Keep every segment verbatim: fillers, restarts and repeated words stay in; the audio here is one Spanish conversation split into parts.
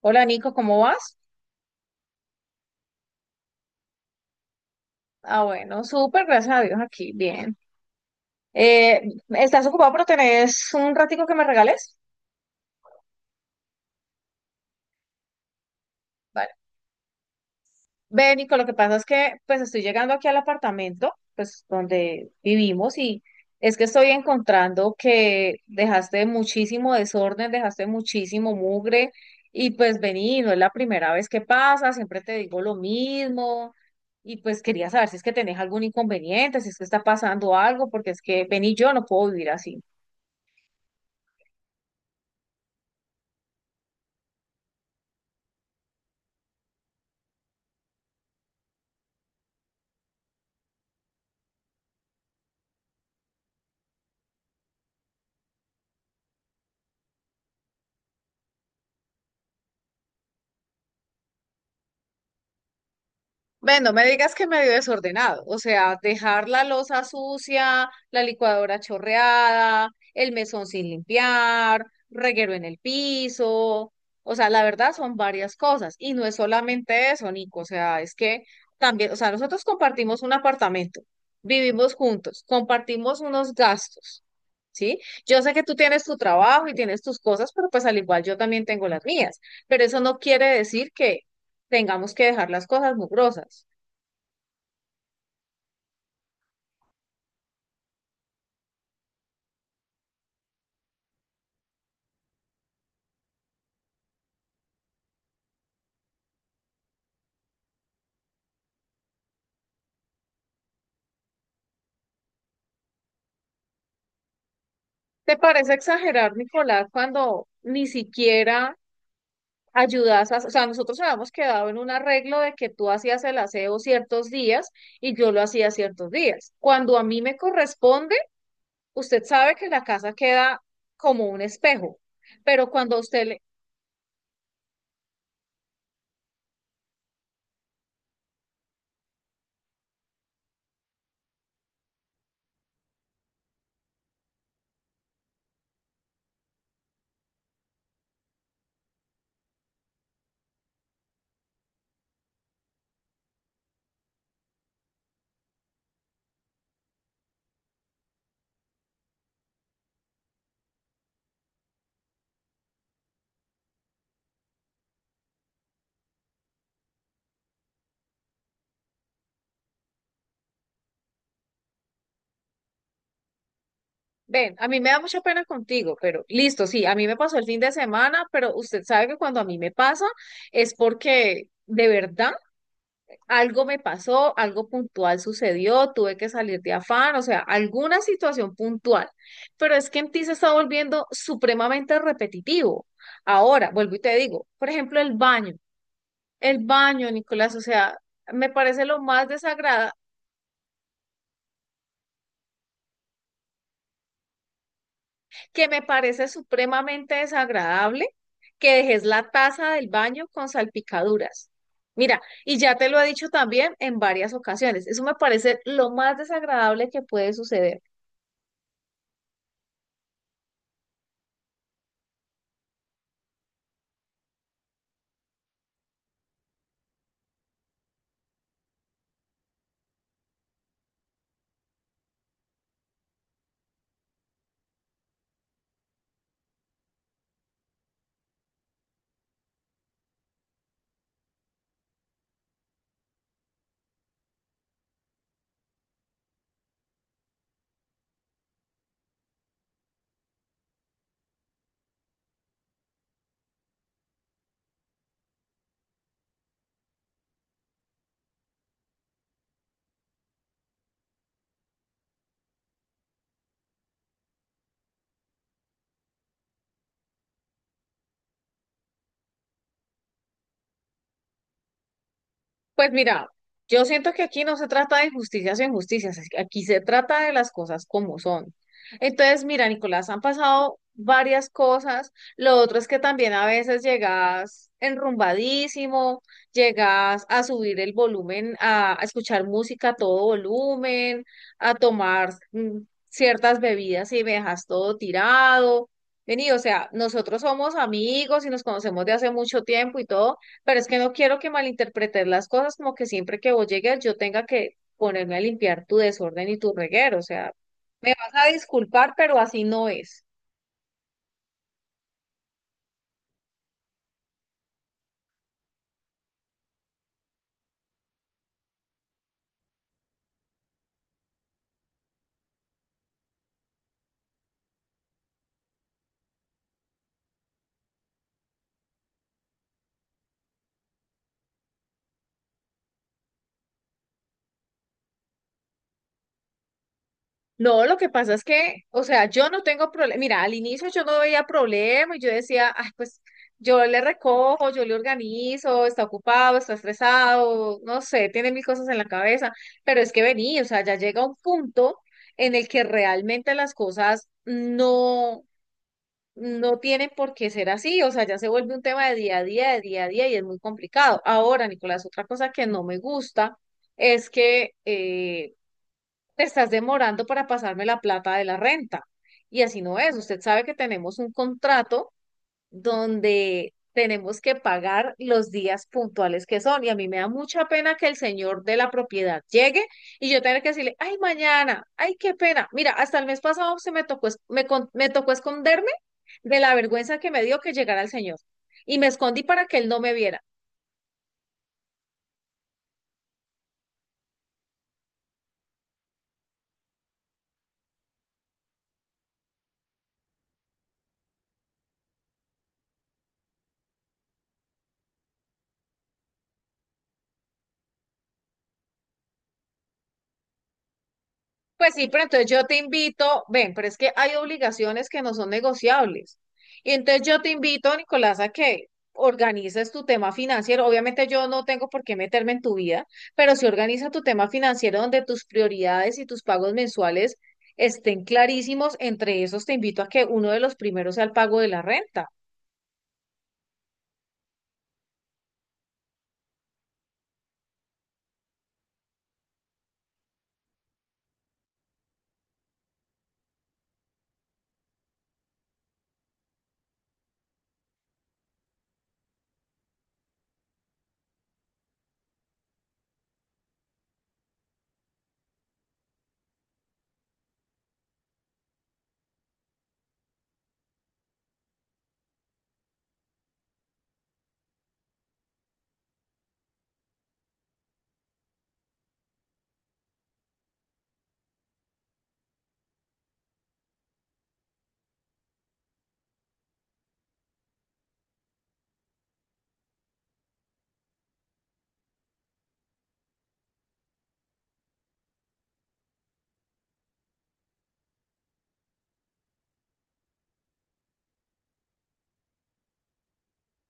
Hola Nico, ¿cómo vas? Ah, bueno, súper, gracias a Dios aquí, bien. Eh, ¿estás ocupado pero tenés un ratico que me regales? Vale. Ve, Nico, lo que pasa es que pues estoy llegando aquí al apartamento, pues donde vivimos y es que estoy encontrando que dejaste muchísimo desorden, dejaste muchísimo mugre y pues vení, no es la primera vez que pasa, siempre te digo lo mismo. Y pues quería saber si es que tenés algún inconveniente, si es que está pasando algo, porque es que vení, yo no puedo vivir así. Bueno, no me digas que medio desordenado, o sea, dejar la loza sucia, la licuadora chorreada, el mesón sin limpiar, reguero en el piso, o sea, la verdad son varias cosas y no es solamente eso, Nico, o sea, es que también, o sea, nosotros compartimos un apartamento, vivimos juntos, compartimos unos gastos, ¿sí? Yo sé que tú tienes tu trabajo y tienes tus cosas, pero pues al igual yo también tengo las mías, pero eso no quiere decir que tengamos que dejar las cosas mugrosas. ¿Te parece exagerar, Nicolás, cuando ni siquiera ayudas a... O sea, nosotros habíamos quedado en un arreglo de que tú hacías el aseo ciertos días y yo lo hacía ciertos días. Cuando a mí me corresponde, usted sabe que la casa queda como un espejo, pero cuando a usted le... Ven, a mí me da mucha pena contigo, pero listo, sí, a mí me pasó el fin de semana, pero usted sabe que cuando a mí me pasa es porque... De verdad, algo me pasó, algo puntual sucedió, tuve que salir de afán, o sea, alguna situación puntual. Pero es que en ti se está volviendo supremamente repetitivo. Ahora, vuelvo y te digo, por ejemplo, el baño. El baño, Nicolás, o sea, me parece lo más desagradable, que me parece supremamente desagradable que dejes la taza del baño con salpicaduras. Mira, y ya te lo he dicho también en varias ocasiones, eso me parece lo más desagradable que puede suceder. Pues mira, yo siento que aquí no se trata de injusticias o injusticias, es que aquí se trata de las cosas como son. Entonces, mira, Nicolás, han pasado varias cosas. Lo otro es que también a veces llegas enrumbadísimo, llegas a subir el volumen, a, a escuchar música a todo volumen, a tomar mm, ciertas bebidas y me dejas todo tirado. Vení, o sea, nosotros somos amigos y nos conocemos de hace mucho tiempo y todo, pero es que no quiero que malinterpretes las cosas como que siempre que vos llegues yo tenga que ponerme a limpiar tu desorden y tu reguero. O sea, me vas a disculpar, pero así no es. No, lo que pasa es que, o sea, yo no tengo problema. Mira, al inicio yo no veía problema y yo decía, ay, pues yo le recojo, yo le organizo, está ocupado, está estresado, no sé, tiene mil cosas en la cabeza. Pero es que vení, o sea, ya llega un punto en el que realmente las cosas no. no tienen por qué ser así, o sea, ya se vuelve un tema de día a día, de día a día y es muy complicado. Ahora, Nicolás, otra cosa que no me gusta es que eh, te estás demorando para pasarme la plata de la renta y así no es. Usted sabe que tenemos un contrato donde tenemos que pagar los días puntuales que son. Y a mí me da mucha pena que el señor de la propiedad llegue y yo tenga que decirle, ay, mañana, ay, qué pena. Mira, hasta el mes pasado se me tocó, es- me, con- me tocó esconderme de la vergüenza que me dio que llegara el señor. Y me escondí para que él no me viera. Pues sí, pero entonces yo te invito, ven, pero es que hay obligaciones que no son negociables. Y entonces yo te invito, Nicolás, a que organices tu tema financiero. Obviamente yo no tengo por qué meterme en tu vida, pero sí organiza tu tema financiero donde tus prioridades y tus pagos mensuales estén clarísimos. Entre esos te invito a que uno de los primeros sea el pago de la renta.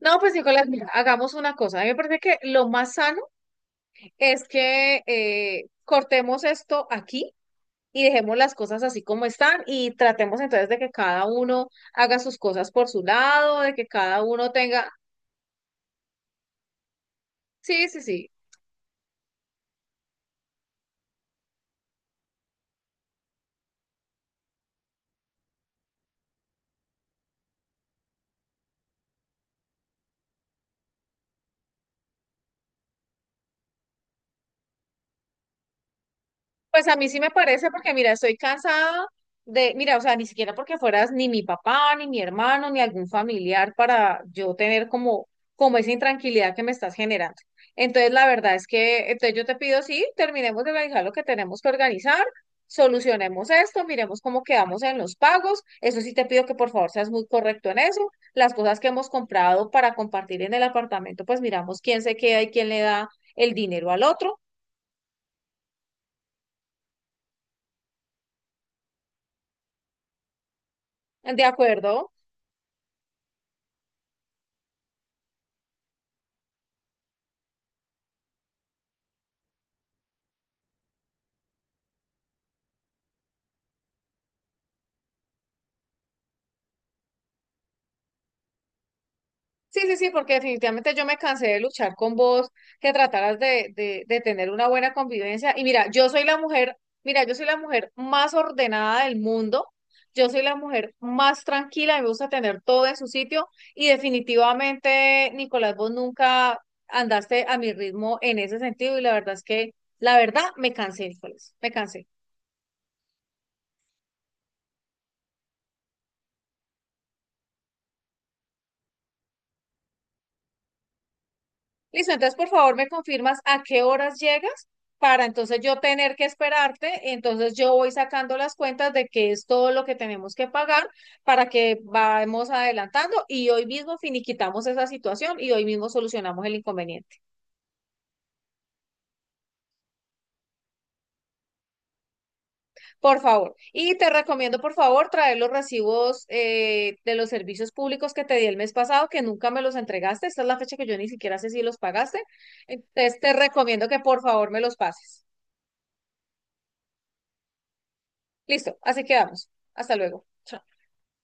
No, pues Nicolás, mira, hagamos una cosa. A mí me parece que lo más sano es que eh, cortemos esto aquí y dejemos las cosas así como están y tratemos entonces de que cada uno haga sus cosas por su lado, de que cada uno tenga, sí, sí, sí. Pues a mí sí me parece porque, mira, estoy cansada de, mira, o sea, ni siquiera porque fueras ni mi papá, ni mi hermano, ni algún familiar para yo tener como, como esa intranquilidad que me estás generando. Entonces, la verdad es que, entonces yo te pido, sí, terminemos de organizar lo que tenemos que organizar, solucionemos esto, miremos cómo quedamos en los pagos. Eso sí te pido que por favor seas muy correcto en eso. Las cosas que hemos comprado para compartir en el apartamento, pues miramos quién se queda y quién le da el dinero al otro. ¿De acuerdo? Sí, sí, sí, porque definitivamente yo me cansé de luchar con vos, que trataras de, de, de tener una buena convivencia. Y mira, yo soy la mujer, mira, yo soy la mujer más ordenada del mundo, yo soy la mujer más tranquila, me gusta tener todo en su sitio y definitivamente, Nicolás, vos nunca andaste a mi ritmo en ese sentido y la verdad es que, la verdad, me cansé, Nicolás, me cansé. Listo, entonces por favor me confirmas a qué horas llegas para entonces yo tener que esperarte. Entonces yo voy sacando las cuentas de qué es todo lo que tenemos que pagar para que vayamos adelantando y hoy mismo finiquitamos esa situación y hoy mismo solucionamos el inconveniente. Por favor. Y te recomiendo por favor traer los recibos eh, de los servicios públicos que te di el mes pasado, que nunca me los entregaste. Esta es la fecha que yo ni siquiera sé si los pagaste. Entonces te recomiendo que por favor me los pases. Listo, así quedamos. Hasta luego. Chao.